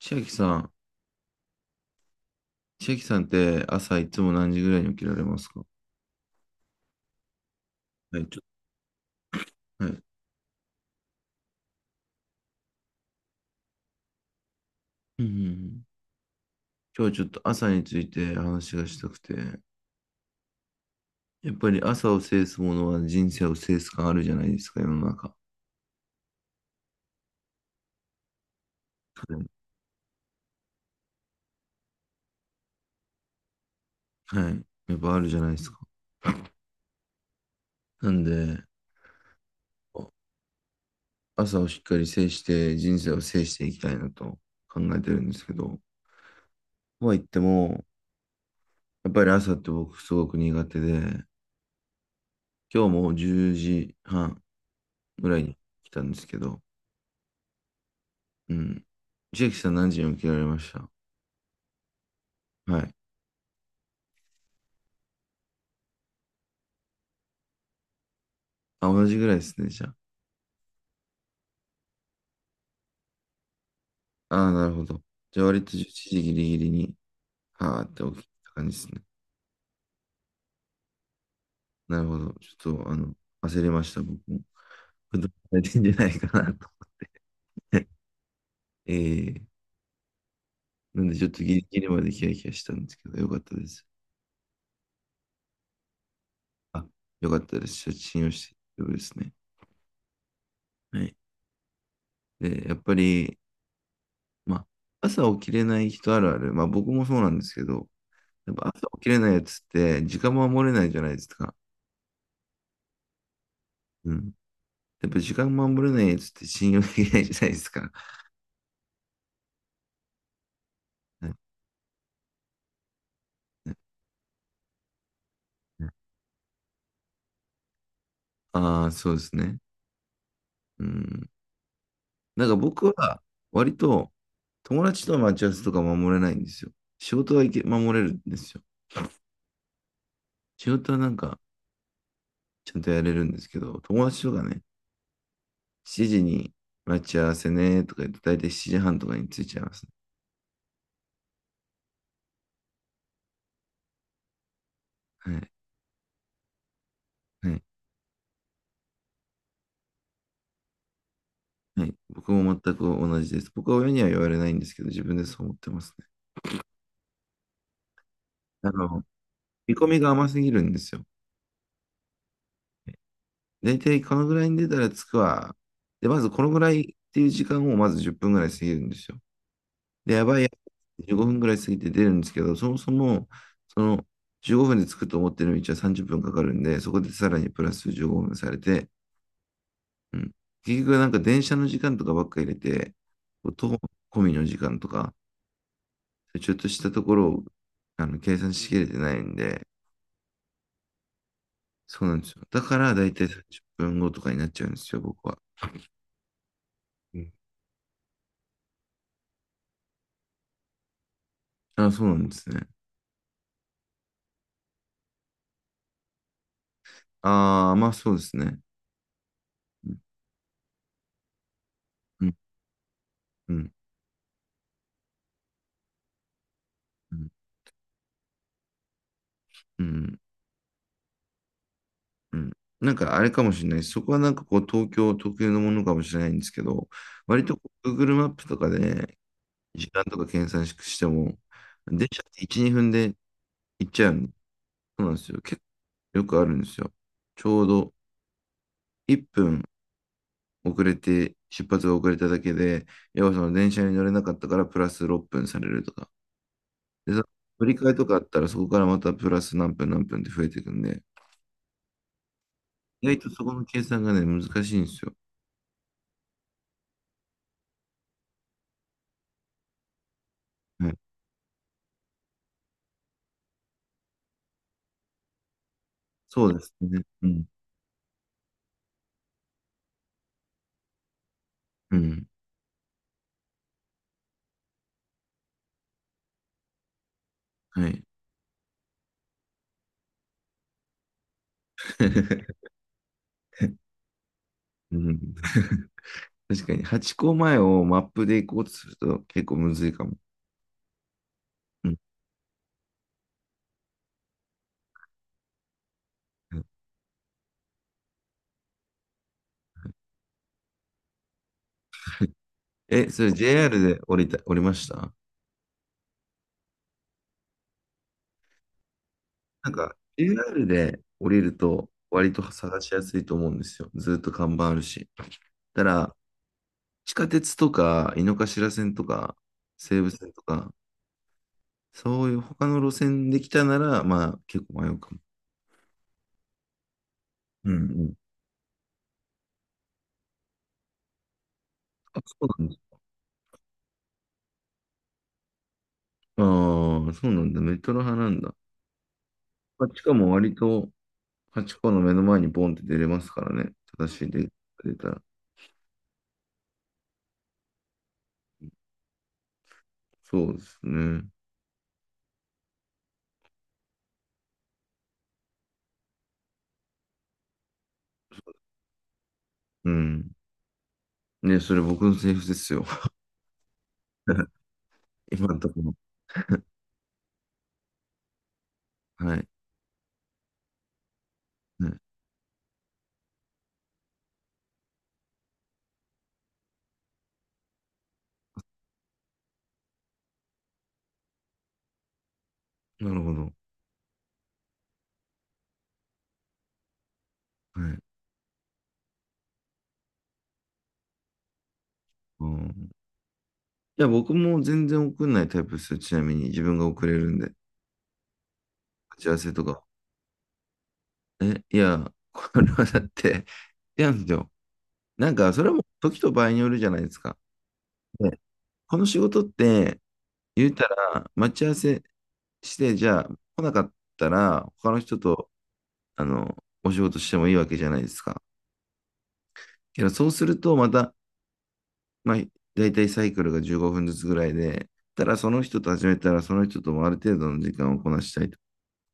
千秋さん、千秋さんって朝いつも何時ぐらいに起きられますか？はい、はい。うんうんうん。今日ちょっと朝について話がしたくて、やっぱり朝を制すものは人生を制す感あるじゃないですか、世の中。はい。やっぱあるじゃないですか。なんで、朝をしっかり制して人生を制していきたいなと考えてるんですけど、とは言っても、やっぱり朝って僕すごく苦手で、今日も10時半ぐらいに来たんですけど、うん、千秋さん何時に起きられました？はい。あ、同じぐらいですね、じゃあ。ああ、なるほど。じゃあ割と11時ギリギリに、はーって起きた感じですね。なるほど。ちょっと、焦りました、僕も。普段されてんじゃないかなと。ええ、なんでちょっとギリギリまでキラキラしたんですけど、よかったです。あ、よかったです。写真をして大丈夫ですね。はい。で、やっぱり、まあ、朝起きれない人あるある。まあ僕もそうなんですけど、やっぱ朝起きれないやつって時間守れないじゃないですか。うん。やっぱ時間守れないやつって信用できないじゃないですか。ああ、そうですね。うん。なんか僕は割と友達との待ち合わせとか守れないんですよ。仕事は守れるんですよ。仕事はなんかちゃんとやれるんですけど、友達とかね、7時に待ち合わせねとか言って、だいたい7時半とかに着いちゃいますね。はい。はい。はい。僕も全く同じです。僕は親には言われないんですけど、自分でそう思ってますね。あの、見込みが甘すぎるんですよ。大体このぐらいに出たら着くわ。で、まずこのぐらいっていう時間をまず10分ぐらい過ぎるんですよ。で、やばいやばい、15分ぐらい過ぎて出るんですけど、そもそも、その15分で着くと思ってる道は30分かかるんで、そこでさらにプラス15分されて、うん。結局なんか電車の時間とかばっか入れて、徒歩込みの時間とか、ちょっとしたところを計算しきれてないんで、そうなんですよ。だから大体10分後とかになっちゃうんですよ、僕は。うん。あ、そうなんですね。ああ、まあそうですね。うん、うん、うん、うん、うん。なんかあれかもしれないです。そこはなんかこう東京特有のものかもしれないんですけど、割とこう Google マップとかで時間とか計算しても、電車って1、2分で行っちゃうんで、そうなんですよ。結構よくあるんですよ。ちょうど1分遅れて、出発が遅れただけで、要はその電車に乗れなかったからプラス6分されるとか。で、その乗り換えとかあったらそこからまたプラス何分何分って増えていくんで、意外とそこの計算がね、難しいんですよ。はい。そうですね。うん。うん。はい。うん、確かに、八個前をマップで行こうとすると結構むずいかも。うん。え、それ JR で降りました？なんか、JR で降りると割と探しやすいと思うんですよ。ずっと看板あるし。ただ、地下鉄とか、井の頭線とか、西武線とか、そういう他の路線で来たなら、まあ結構迷うかも。うん。うん。あ、そうなんだ。ああ、そうなんだ。メトロ派なんだ。まあ、しかも割と、ハチの目の前にボンって出れますからね。正しいデータが出たら。そうですね。うん。ね、それ僕のセリフですよ。今のところ。はい。はい。なるほど。はい。うん。いや、僕も全然送んないタイプですよ。ちなみに自分が送れるんで。打ち合わせとか。え、いや、これはだって、いやなんですよ。なんか、それはもう時と場合によるじゃないですか。ね、この仕事って、言うたら、待ち合わせして、じゃあ、来なかったら、他の人と、あの、お仕事してもいいわけじゃないですか。けど、そうすると、また、まあ、だいたいサイクルが15分ずつぐらいで、ただその人と始めたら、その人ともある程度の時間をこなしたいと。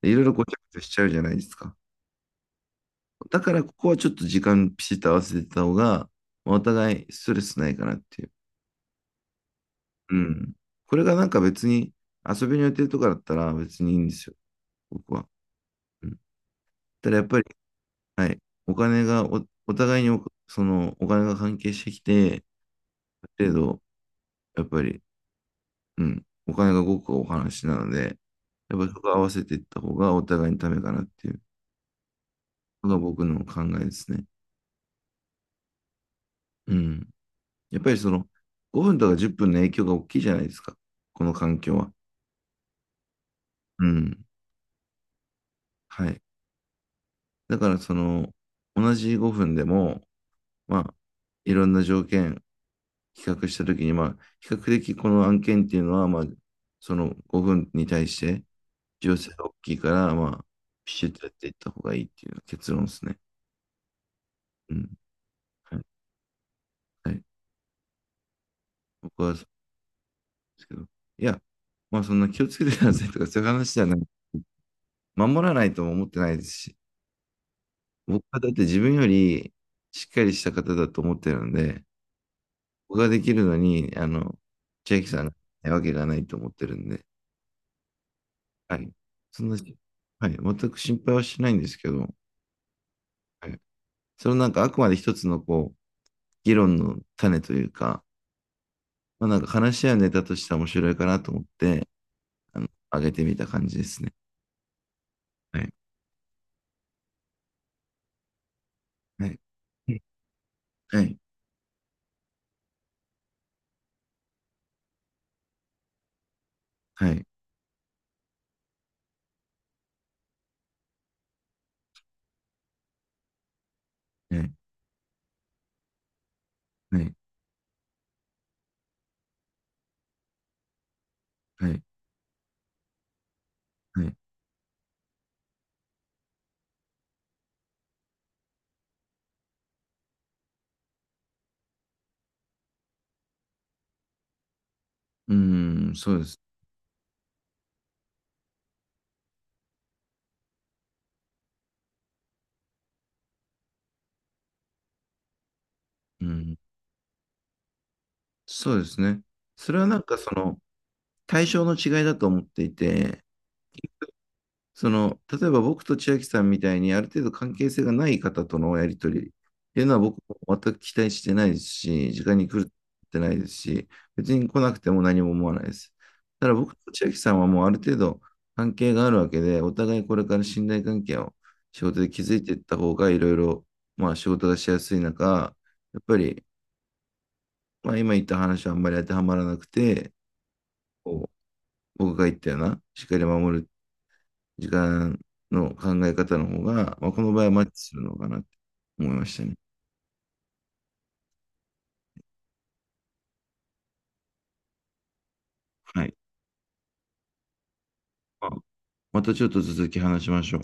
でいろいろごちゃごちゃしちゃうじゃないですか。だから、ここはちょっと時間ピシッと合わせてた方が、まあお互いストレスないかなっていう。うん。これがなんか別に、遊びの予定とかだったら別にいいんですよ、僕は。うん。ただやっぱり、はい。お金がお互いにお、その、お金が関係してきて、ある程度、やっぱり、うん、お金が動くお話なので、やっぱりそこ合わせていった方がお互いにためかなっていうのが僕の考えですね。うん。やっぱり5分とか10分の影響が大きいじゃないですか。この環境は。うん。はい。だから同じ5分でも、まあ、いろんな条件比較したときに、まあ、比較的この案件っていうのは、まあ、その5分に対して、需要が大きいから、まあ、ピシッとやっていった方がいいっていう結論ですね。うん。はい。はい、僕はそうですけど。いや、まあ、そんな気をつけてくださいとか、そういう話じゃない。守らないとも思ってないですし、僕はだって自分よりしっかりした方だと思ってるんで、僕ができるのに、千秋さんがないわけがないと思ってるんで、はい。そんな、はい。全く心配はしないんですけど、はい。そのなんかあくまで一つのこう、議論の種というか、まあ、なんか話し合うネタとしては面白いかなと思って、上げてみた感じですね。はい。はい。はい。はい。はい。はい。はい。はい。うん、そうです。うん、そうですね。それはなんかその対象の違いだと思っていて、その、例えば僕と千秋さんみたいにある程度関係性がない方とのやり取りっていうのは僕も全く期待してないですし、時間に来るってないですし、別に来なくても何も思わないです。ただ僕と千秋さんはもうある程度関係があるわけで、お互いこれから信頼関係を仕事で築いていった方がいろいろ、まあ仕事がしやすい中、やっぱり、まあ今言った話はあんまり当てはまらなくて、こう僕が言ったような、しっかり守る時間の考え方の方が、まあ、この場合はマッチするのかなって思いましたね。はい。まあまたちょっと続き話しましょう。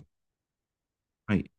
はい。